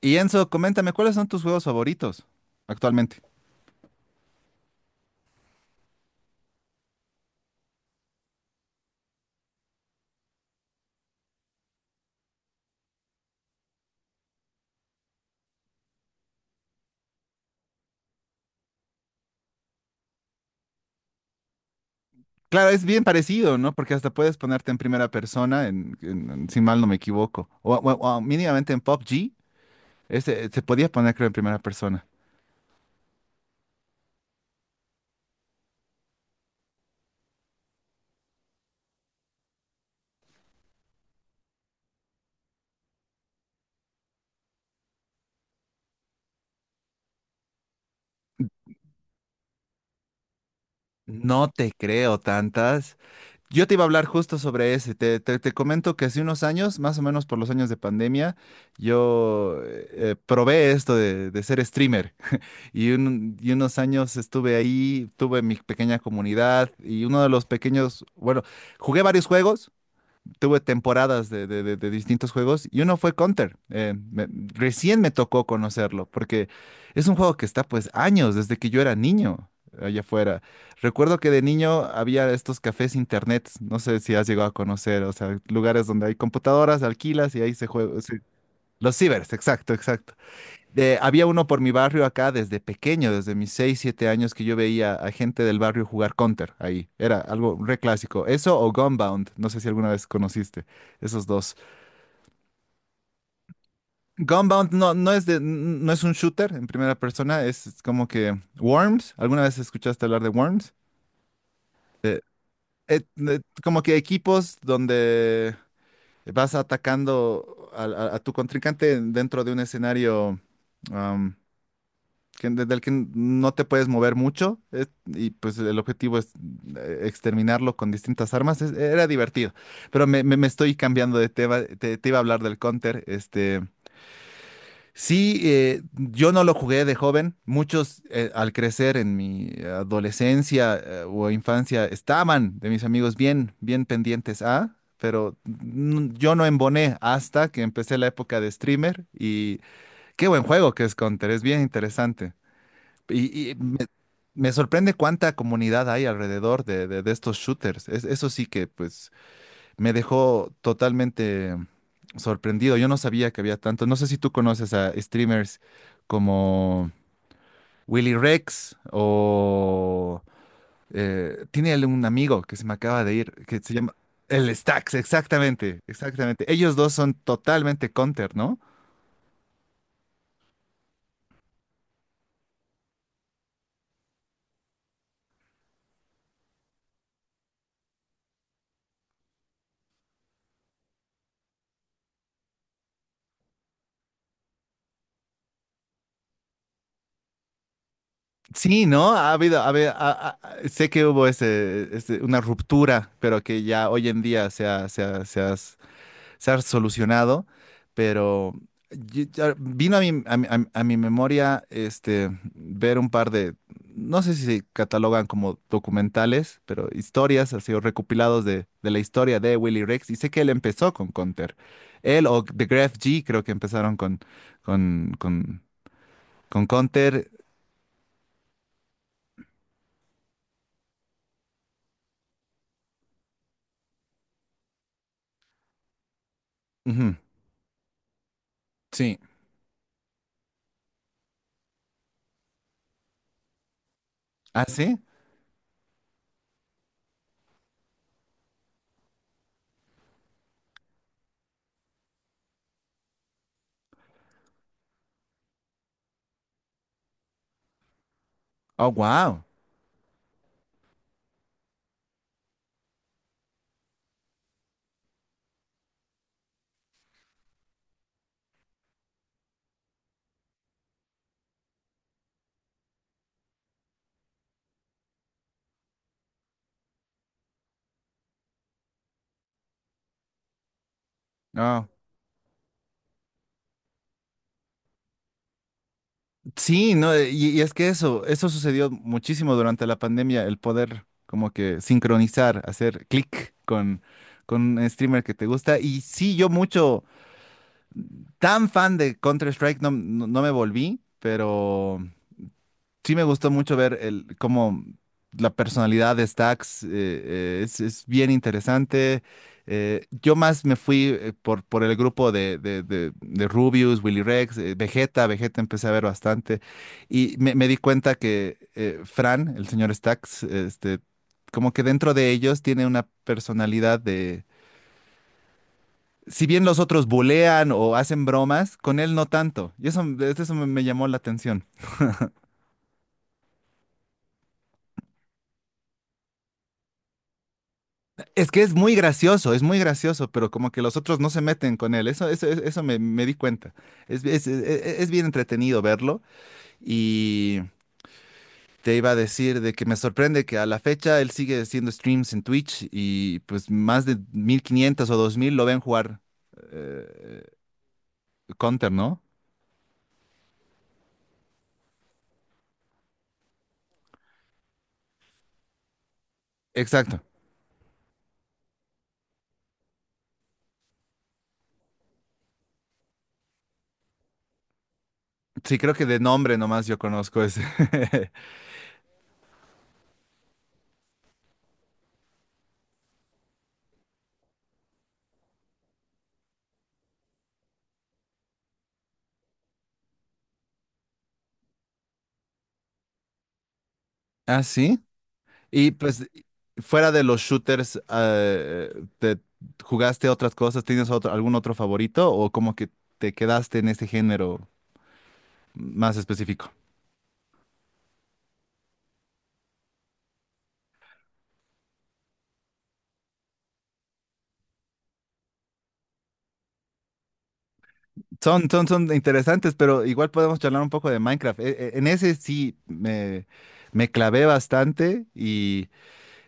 Y Enzo, coméntame, ¿cuáles son tus juegos favoritos actualmente? Claro, es bien parecido, ¿no? Porque hasta puedes ponerte en primera persona, en si mal no me equivoco. O mínimamente en P U B G, se podía poner, creo, en primera persona. No te creo tantas. Yo te iba a hablar justo sobre ese. Te comento que hace unos años, más o menos por los años de pandemia, yo probé esto de ser streamer. Y unos años estuve ahí, tuve mi pequeña comunidad y uno de los pequeños, bueno, jugué varios juegos, tuve temporadas de distintos juegos y uno fue Counter. Recién me tocó conocerlo porque es un juego que está pues años desde que yo era niño allá afuera. Recuerdo que de niño había estos cafés internet, no sé si has llegado a conocer, o sea, lugares donde hay computadoras, alquilas y ahí se juega. Sí. Los cibers, exacto, exacto. Había uno por mi barrio acá desde pequeño, desde mis 6 7 años, que yo veía a gente del barrio jugar Counter ahí. Era algo re clásico. Eso o Gunbound, no sé si alguna vez conociste esos dos. Gunbound no, no es no es un shooter en primera persona, es como que Worms. ¿Alguna vez escuchaste hablar de Worms? Eh, Como que equipos donde vas atacando a tu contrincante dentro de un escenario. am, que, desde el que no te puedes mover mucho y pues el objetivo es exterminarlo con distintas armas. Era divertido, pero me estoy cambiando de tema. Te iba a hablar del Counter. Sí, yo no lo jugué de joven. Muchos al crecer en mi adolescencia o infancia estaban de mis amigos bien, bien pendientes a... Pero yo no emboné hasta que empecé la época de streamer y qué buen juego que es Counter, es bien interesante. Y me sorprende cuánta comunidad hay alrededor de estos shooters. Eso sí que pues me dejó totalmente sorprendido. Yo no sabía que había tanto. No sé si tú conoces a streamers como Willy Rex o tiene él un amigo que se me acaba de ir, que se llama el Stax, exactamente, exactamente. Ellos dos son totalmente Counter, ¿no? Sí, ¿no? Ha habido, ha habido- ha- ha- Sé que hubo ese una ruptura, pero que ya hoy en día se ha solucionado, pero ya vino a mi memoria ver un par de, no sé si se catalogan como documentales, pero historias, así, o recopilados de la historia de Willy Rex, y sé que él empezó con Conter. Él o The Graph G creo que empezaron con, con, con Conter. Ujú. Sí. ¿Ah, sí? Oh, wow. No. Sí, no, y es que eso sucedió muchísimo durante la pandemia, el poder como que sincronizar, hacer clic con un streamer que te gusta. Y sí, yo mucho, tan fan de Counter-Strike no me volví, pero sí me gustó mucho ver el, cómo la personalidad de Stax es bien interesante. Yo más me fui por el grupo de Rubius, Willy Rex, Vegeta. Vegeta empecé a ver bastante y me di cuenta que Fran, el señor Stax, como que dentro de ellos tiene una personalidad de... Si bien los otros bulean o hacen bromas, con él no tanto. Y eso me llamó la atención. Es que es muy gracioso, pero como que los otros no se meten con él. Eso me di cuenta. Es bien entretenido verlo. Y te iba a decir de que me sorprende que a la fecha él sigue haciendo streams en Twitch y pues más de 1500 o 2000 lo ven jugar eh, Counter, ¿no? Exacto. Sí, creo que de nombre nomás yo conozco ese. Ah, sí. Y pues, fuera de los shooters, ¿te jugaste otras cosas? ¿Tienes algún otro favorito? ¿O como que te quedaste en este género más específico? Son interesantes, pero igual podemos charlar un poco de Minecraft. En ese sí me clavé bastante y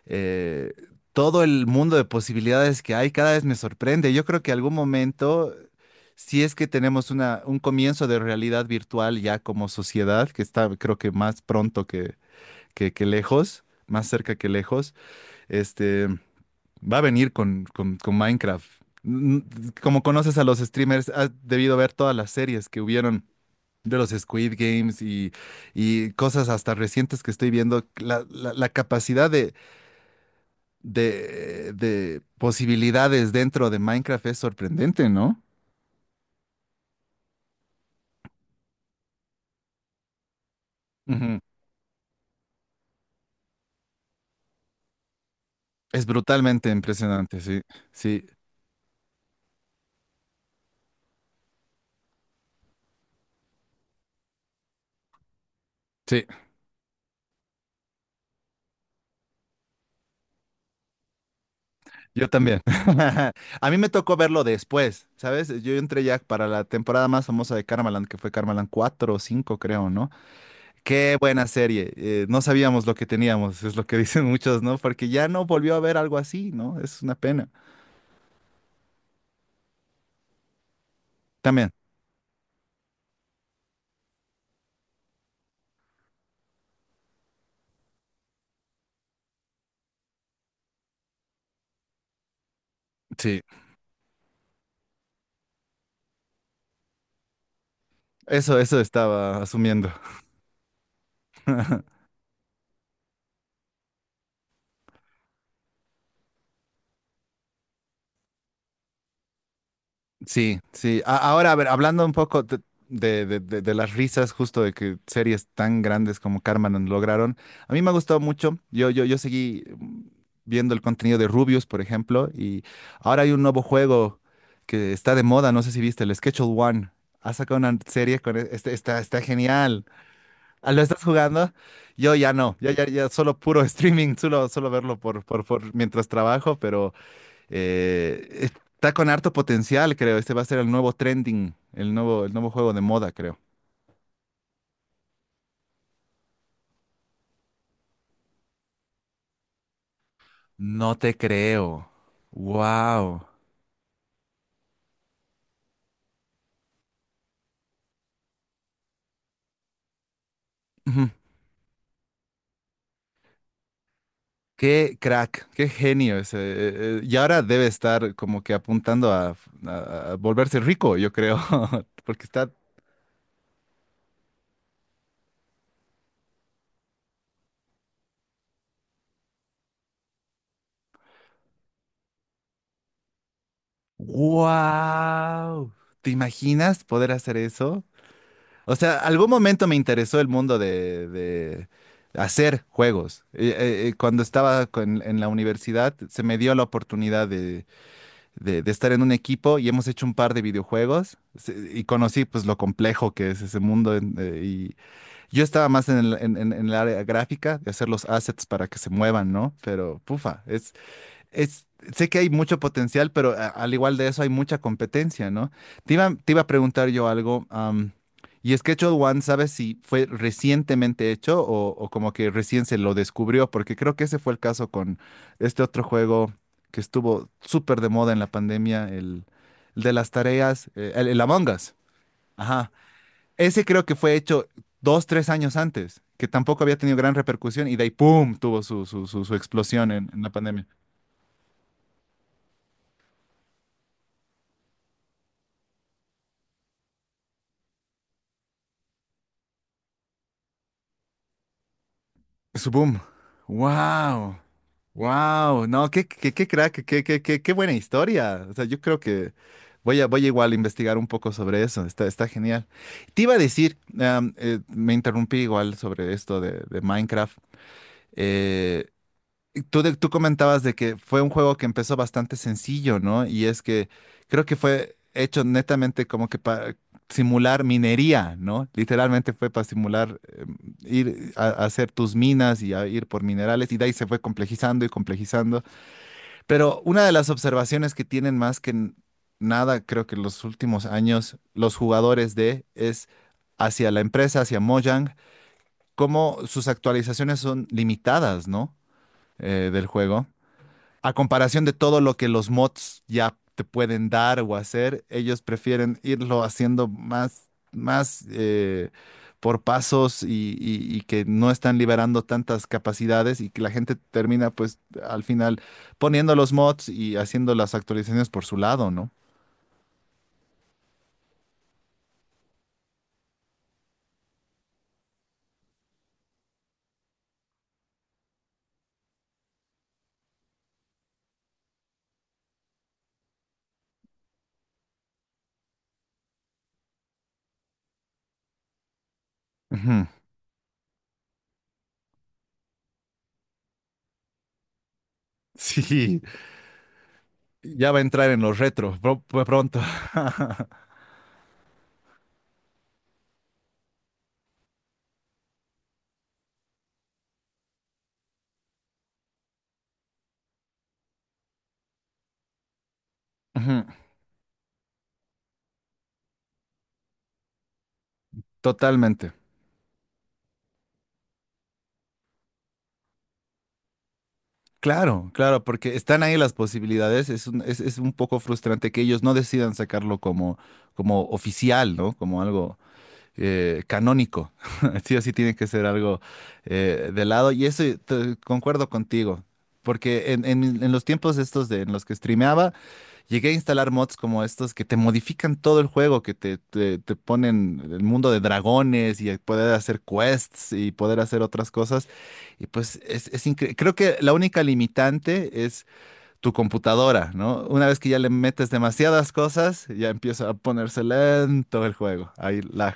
eh, todo el mundo de posibilidades que hay cada vez me sorprende. Yo creo que algún momento, si es que tenemos un comienzo de realidad virtual ya como sociedad, que está creo que más pronto que lejos, más cerca que lejos, este, va a venir con Minecraft. N- Como conoces a los streamers, has debido ver todas las series que hubieron de los Squid Games y cosas hasta recientes que estoy viendo, la capacidad de posibilidades dentro de Minecraft es sorprendente, ¿no? Ujú. Es brutalmente impresionante, sí, sí. Sí. Yo también. A mí me tocó verlo después, ¿sabes? Yo entré ya para la temporada más famosa de Karmaland, que fue Karmaland 4 o 5 creo, ¿no? Qué buena serie, no sabíamos lo que teníamos, es lo que dicen muchos, ¿no? Porque ya no volvió a haber algo así, ¿no? Es una pena. También. Sí. Eso estaba asumiendo. Sí, sí. Ahora, a ver, hablando un poco de las risas, justo de que series tan grandes como Carmen lograron, a mí me ha gustado mucho. Yo seguí viendo el contenido de Rubius, por ejemplo, y ahora hay un nuevo juego que está de moda, no sé si viste, el Schedule One. Ha sacado una serie con está genial. Ah, ¿lo estás jugando? Yo ya no, ya solo puro streaming, solo verlo por mientras trabajo, eh, está con harto potencial, creo. Este va a ser el nuevo trending, el nuevo juego de moda, creo. No te creo. Wow. Ujú. Qué crack, qué genio ese. Y ahora debe estar como que apuntando a volverse rico, yo creo, porque está... Wow. ¿Te imaginas poder hacer eso? O sea, algún momento me interesó el mundo de hacer juegos. Cuando estaba en la universidad, se me dio la oportunidad de estar en un equipo y hemos hecho un par de videojuegos. Y conocí pues lo complejo que es ese mundo. Y yo estaba más en el área gráfica de hacer los assets para que se muevan, ¿no? Pero, pufa, es, sé que hay mucho potencial, pero al igual de eso hay mucha competencia, ¿no? Te iba a preguntar yo algo, y Schedule One, ¿sabes si fue recientemente hecho o, como que recién se lo descubrió? Porque creo que ese fue el caso con este otro juego que estuvo súper de moda en la pandemia, el de las tareas, el Among Us. Ajá. Ese creo que fue hecho 2, 3 años antes, que tampoco había tenido gran repercusión y de ahí, ¡pum!, tuvo su explosión en la pandemia. Su boom. Wow. Wow. No, qué crack, qué buena historia. O sea, yo creo que voy a, igual a investigar un poco sobre eso. Está genial. Te iba a decir, me interrumpí igual sobre esto de Minecraft. Eh, tú comentabas de que fue un juego que empezó bastante sencillo, ¿no? Y es que creo que fue hecho netamente como que para simular minería, ¿no? Literalmente fue para simular ir a hacer tus minas y a ir por minerales y de ahí se fue complejizando y complejizando. Pero una de las observaciones que tienen más que nada, creo que en los últimos años, los jugadores de es hacia la empresa, hacia Mojang, cómo sus actualizaciones son limitadas, ¿no? Del juego. A comparación de todo lo que los mods ya te pueden dar o hacer, ellos prefieren irlo haciendo más por pasos y que no están liberando tantas capacidades y que la gente termina pues al final poniendo los mods y haciendo las actualizaciones por su lado, ¿no? Ujú. Sí, ya va a entrar en los retro pronto. Ujú. Totalmente. Claro, claro, porque están ahí las posibilidades. Es un poco frustrante que ellos no decidan sacarlo como, oficial, ¿no? Como algo canónico. Sí o sí tiene que ser algo de lado. Y eso, concuerdo contigo, porque en los tiempos estos en los que streameaba, llegué a instalar mods como estos que te modifican todo el juego, que te ponen el mundo de dragones y poder hacer quests y poder hacer otras cosas. Y pues creo que la única limitante es tu computadora, ¿no? Una vez que ya le metes demasiadas cosas, ya empieza a ponerse lento el juego. Ahí lag.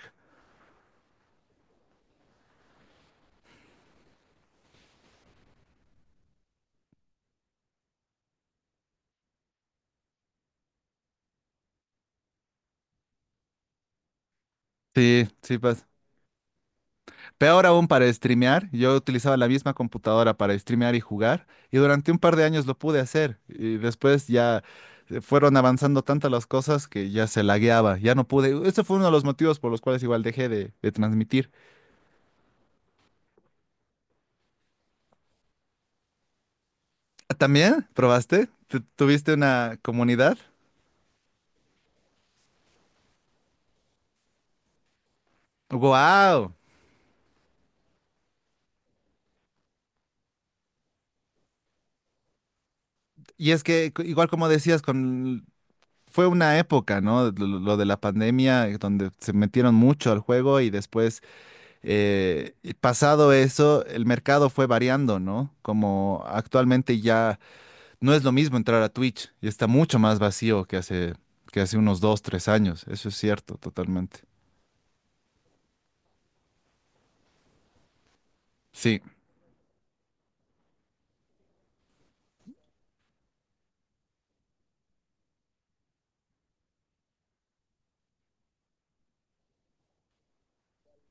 Sí, sí. Peor aún para streamear, yo utilizaba la misma computadora para streamear y jugar, y durante un par de años lo pude hacer, y después ya fueron avanzando tantas las cosas que ya se lagueaba, ya no pude. Ese fue uno de los motivos por los cuales igual dejé de transmitir. Ah, ¿también probaste? ¿Tuviste una comunidad? ¡Wow! Y es que, igual como decías, con... fue una época, ¿no? Lo de la pandemia, donde se metieron mucho al juego y después. Y pasado eso, el mercado fue variando, ¿no? Como actualmente ya no es lo mismo entrar a Twitch y está mucho más vacío que hace unos 2, 3 años. Eso es cierto, totalmente. Sí,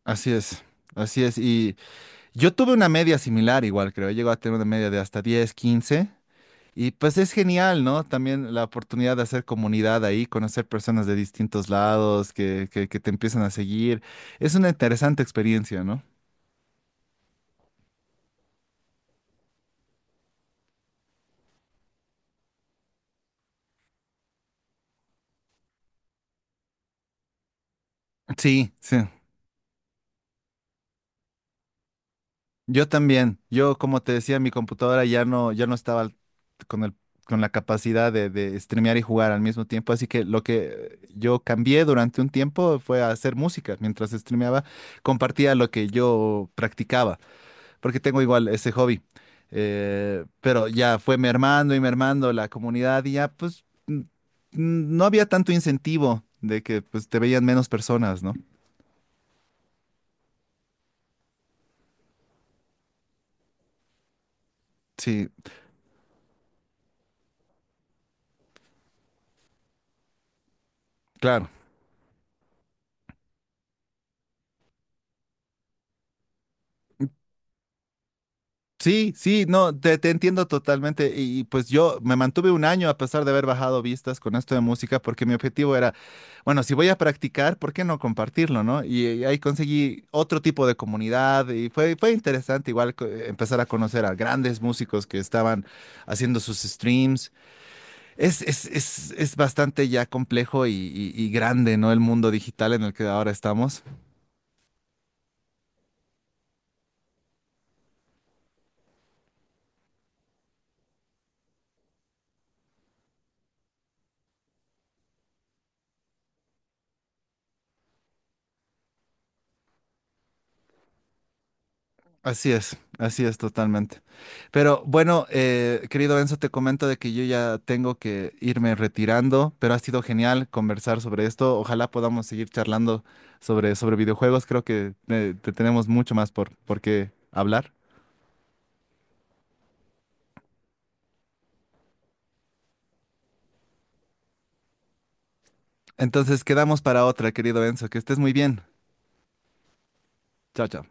así es. Así es. Y yo tuve una media similar igual, creo. Llego a tener una media de hasta 10, 15. Y pues es genial, ¿no? También la oportunidad de hacer comunidad ahí, conocer personas de distintos lados que te empiezan a seguir. Es una interesante experiencia, ¿no? Sí, sí. Yo también. Yo, como te decía, mi computadora ya no, estaba con con la capacidad de streamear y jugar al mismo tiempo. Así que lo que yo cambié durante un tiempo fue a hacer música. Mientras streameaba, compartía lo que yo practicaba, porque tengo igual ese hobby. Pero ya fue mermando y mermando la comunidad y ya, pues, no había tanto incentivo de que pues, te veían menos personas, ¿no? Sí, claro. Sí, sí, no, te entiendo totalmente. Pues yo me mantuve un año a pesar de haber bajado vistas con esto de música, porque mi objetivo era, bueno, si voy a practicar, ¿por qué no compartirlo, no? Y ahí conseguí otro tipo de comunidad y fue interesante igual empezar a conocer a grandes músicos que estaban haciendo sus streams. Es bastante ya complejo y grande, ¿no? El mundo digital en el que ahora estamos. Así es totalmente. Pero bueno, querido Enzo, te comento de que yo ya tengo que irme retirando, pero ha sido genial conversar sobre esto. Ojalá podamos seguir charlando sobre videojuegos. Creo que te tenemos mucho más por qué hablar. Entonces, quedamos para otra, querido Enzo. Que estés muy bien. Chao, chao.